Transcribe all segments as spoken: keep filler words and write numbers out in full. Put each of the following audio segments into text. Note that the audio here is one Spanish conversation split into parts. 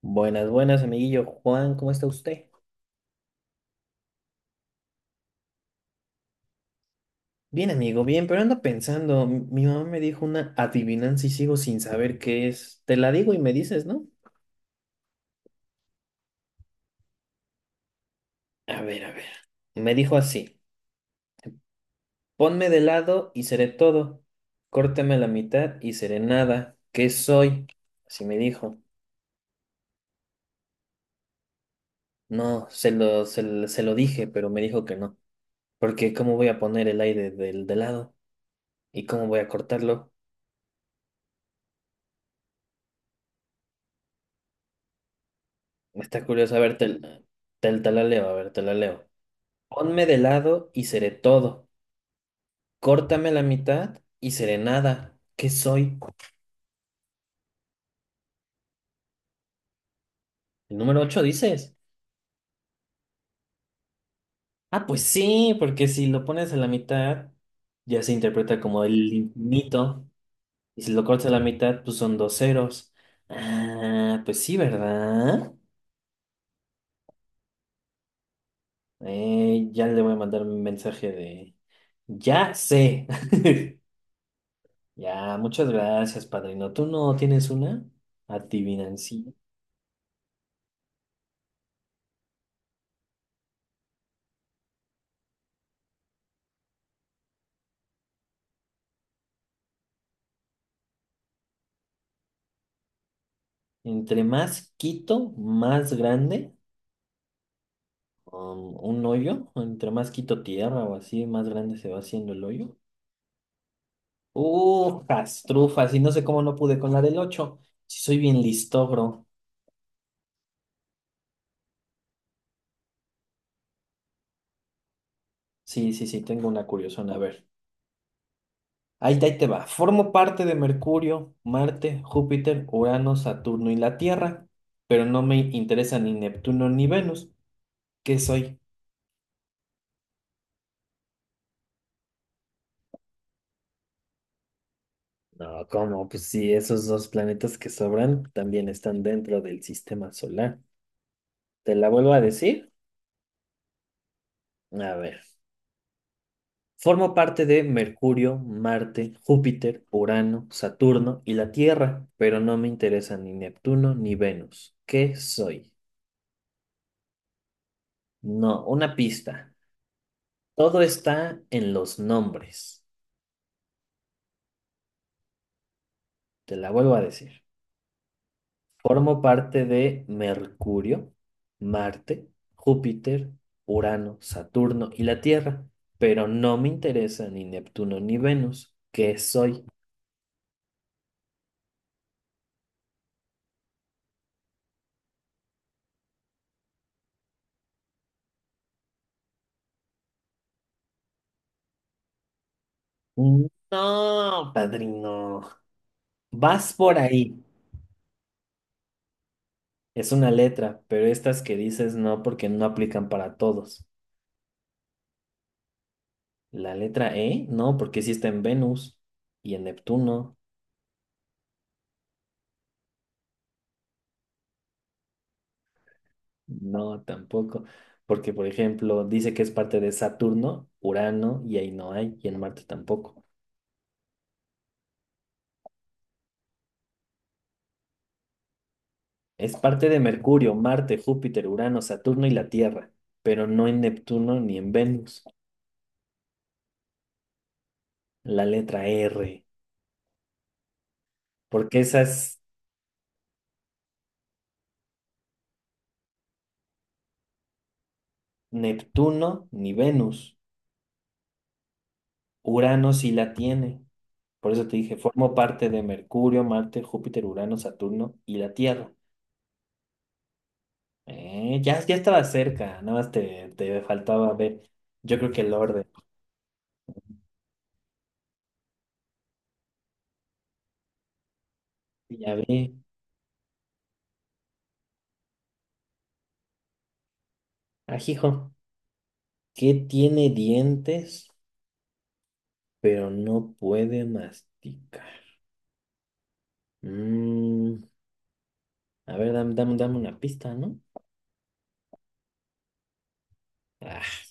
Buenas, buenas, amiguillo Juan, ¿cómo está usted? Bien, amigo, bien, pero ando pensando, m- mi mamá me dijo una adivinanza y sigo sin saber qué es. Te la digo y me dices, ¿no? A ver, a ver. Me dijo así, ponme de lado y seré todo, córtame la mitad y seré nada, ¿qué soy? Así me dijo. No, se lo, se, lo se lo dije, pero me dijo que no, porque ¿cómo voy a poner el aire del de lado? ¿Y cómo voy a cortarlo? Está curioso, a ver, te, te, te la leo, a ver, te la leo. Ponme de lado y seré todo. Córtame la mitad y seré nada. ¿Qué soy? El número ocho, dices. Ah, pues sí, porque si lo pones a la mitad, ya se interpreta como el infinito. Y si lo cortas a la mitad, pues son dos ceros. Ah, pues sí, ¿verdad? Eh, ya le voy a mandar un mensaje de... Ya sé. Ya, muchas gracias, padrino. ¿Tú no tienes una? Adivinancia. Entre más quito, más grande. Um, un hoyo, entre más quito tierra o así, más grande se va haciendo el hoyo. ¡Uh, castrufas! Y no sé cómo no pude con la del ocho. Si soy bien listo, bro. Sí, sí, sí, tengo una curiosona. A ver. Ahí, ahí te va. Formo parte de Mercurio, Marte, Júpiter, Urano, Saturno y la Tierra, pero no me interesa ni Neptuno ni Venus. ¿Qué soy? No, ¿cómo? Pues sí, esos dos planetas que sobran también están dentro del sistema solar. ¿Te la vuelvo a decir? A ver. Forma parte de Mercurio, Marte, Júpiter, Urano, Saturno y la Tierra, pero no me interesan ni Neptuno ni Venus. ¿Qué soy? No, una pista. Todo está en los nombres. Te la vuelvo a decir. Formo parte de Mercurio, Marte, Júpiter, Urano, Saturno y la Tierra, pero no me interesan ni Neptuno ni Venus. ¿Qué soy? No, padrino. Vas por ahí. Es una letra, pero estas que dices no porque no aplican para todos. La letra E, no, porque sí está en Venus y en Neptuno, no, tampoco. Porque, por ejemplo, dice que es parte de Saturno, Urano, y ahí no hay, y en Marte tampoco. Es parte de Mercurio, Marte, Júpiter, Urano, Saturno y la Tierra, pero no en Neptuno ni en Venus. La letra R, porque esas Neptuno ni Venus. Urano sí la tiene. Por eso te dije, formo parte de Mercurio, Marte, Júpiter, Urano, Saturno y la Tierra. Eh, ya, ya estaba cerca, nada más te, te faltaba ver. Yo creo que el orden. Ya vi. Ajijo. ¿Qué tiene dientes, pero no puede masticar? Mm, a ver, dame, dame, dame una pista, ¿no? Ah,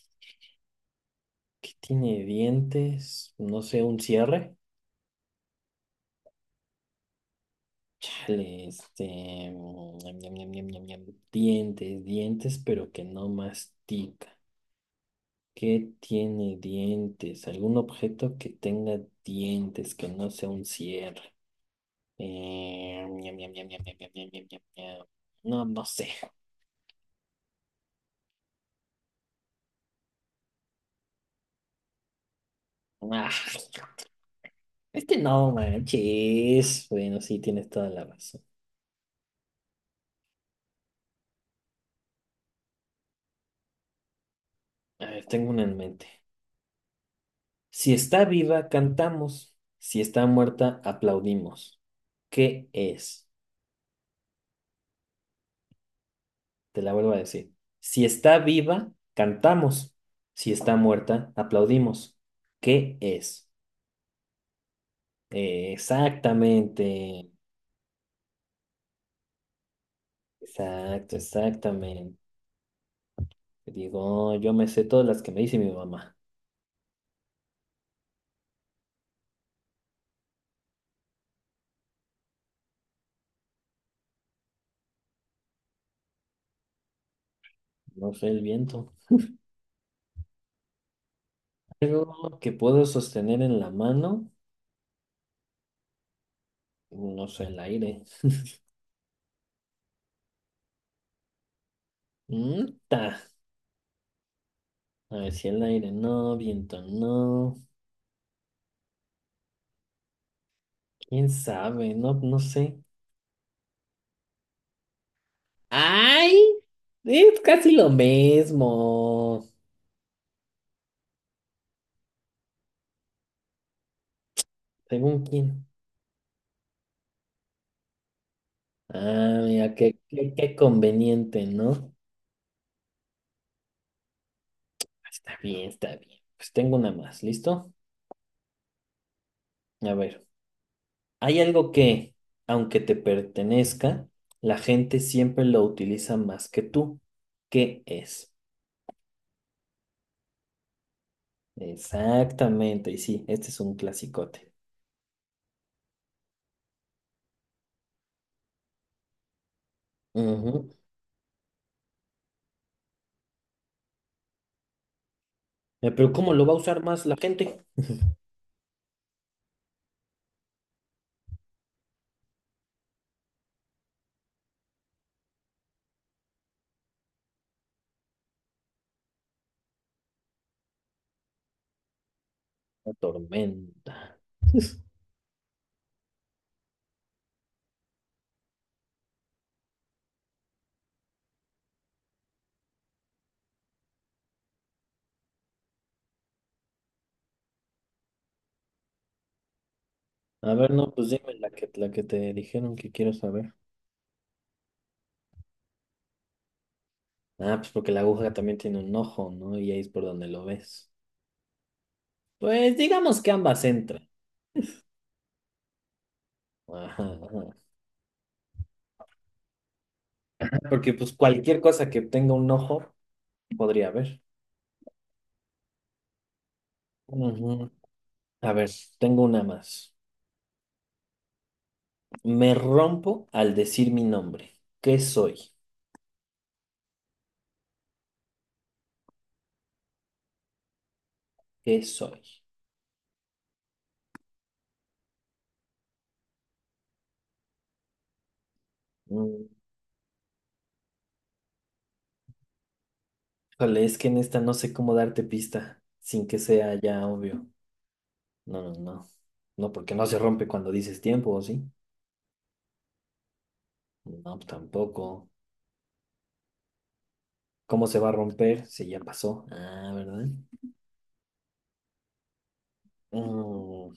¿qué tiene dientes? No sé, un cierre. Chale, este, mm, ñam, ñam, ñam, ñam, ñam, ñam. Dientes, dientes, pero que no mastica. ¿Qué tiene dientes? ¿Algún objeto que tenga dientes, que no sea un cierre? Eh, ñam, ñam, ñam, ñam, ñam, ñam, ñam, ñam, ñam, ñam. No, no sé. Ah, este no manches. Bueno, sí, tienes toda la razón. A ver, tengo una en mente. Si está viva, cantamos. Si está muerta, aplaudimos. ¿Qué es? Te la vuelvo a decir. Si está viva, cantamos. Si está muerta, aplaudimos. ¿Qué es? Eh, exactamente. Exacto, exactamente. Digo, yo me sé todas las que me dice mi mamá. No sé el viento. Algo que puedo sostener en la mano. No sé el aire. Mm, ta. A ver si el aire no, viento no. ¿Quién sabe? No, no sé. ¡Ay! Es casi lo mismo. ¿Según quién? Ah, mira, qué, qué, qué conveniente, ¿no? Está bien, está bien. Pues tengo una más, ¿listo? A ver, hay algo que, aunque te pertenezca, la gente siempre lo utiliza más que tú. ¿Qué es? Exactamente, y sí, este es un clasicote. Ujú. Eh, Pero ¿cómo lo va a usar más la gente? La tormenta. A ver, no, pues dime la que, la que te dijeron que quiero saber. Ah, pues porque la aguja también tiene un ojo, ¿no? Y ahí es por donde lo ves. Pues digamos que ambas entran. Ajá, ajá. Porque pues cualquier cosa que tenga un ojo podría ver. Ujú. A ver, tengo una más. Me rompo al decir mi nombre. ¿Qué soy? ¿Qué soy? Mm, Híjole, es que en esta no sé cómo darte pista sin que sea ya obvio. No, no, no. No, porque no se rompe cuando dices tiempo, ¿o sí? No, pues, tampoco. ¿Cómo se va a romper? Si ya pasó. Ah, ¿verdad? Mm,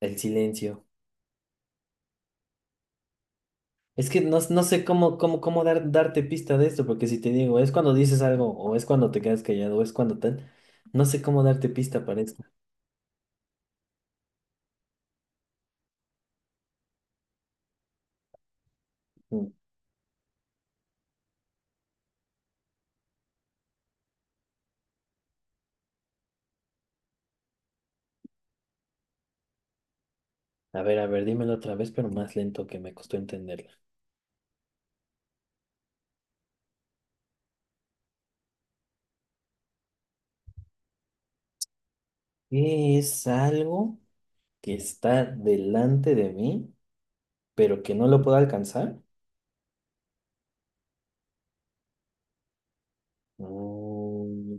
el silencio. Es que no, no sé cómo, cómo, cómo dar, darte pista de esto, porque si te digo, es cuando dices algo, o es cuando te quedas callado, o es cuando tal, no sé cómo darte pista para esto. Mm, A ver, a ver, dímelo otra vez, pero más lento que me costó entenderla. ¿Qué es algo que está delante de mí, pero que no lo puedo alcanzar? Mm,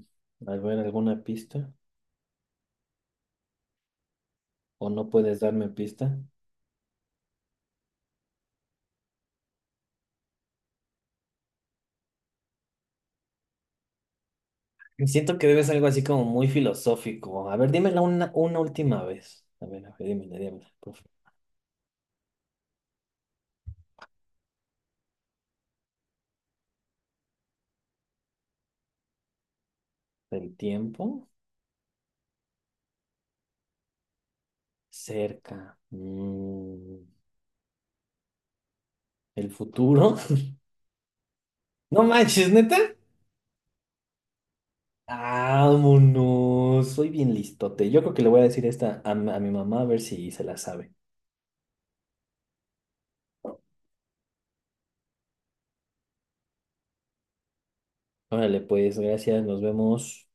a ver, ¿alguna pista? ¿O no puedes darme pista? Siento que debes algo así como muy filosófico. A ver, dímela una, una última vez. A ver, a ver, dímela, dímela, por favor. El tiempo cerca. Mm, el futuro. No manches, neta. Vámonos. Soy bien listote. Yo creo que le voy a decir esta a, m- a mi mamá a ver si se la sabe. Órale, pues, gracias. Nos vemos.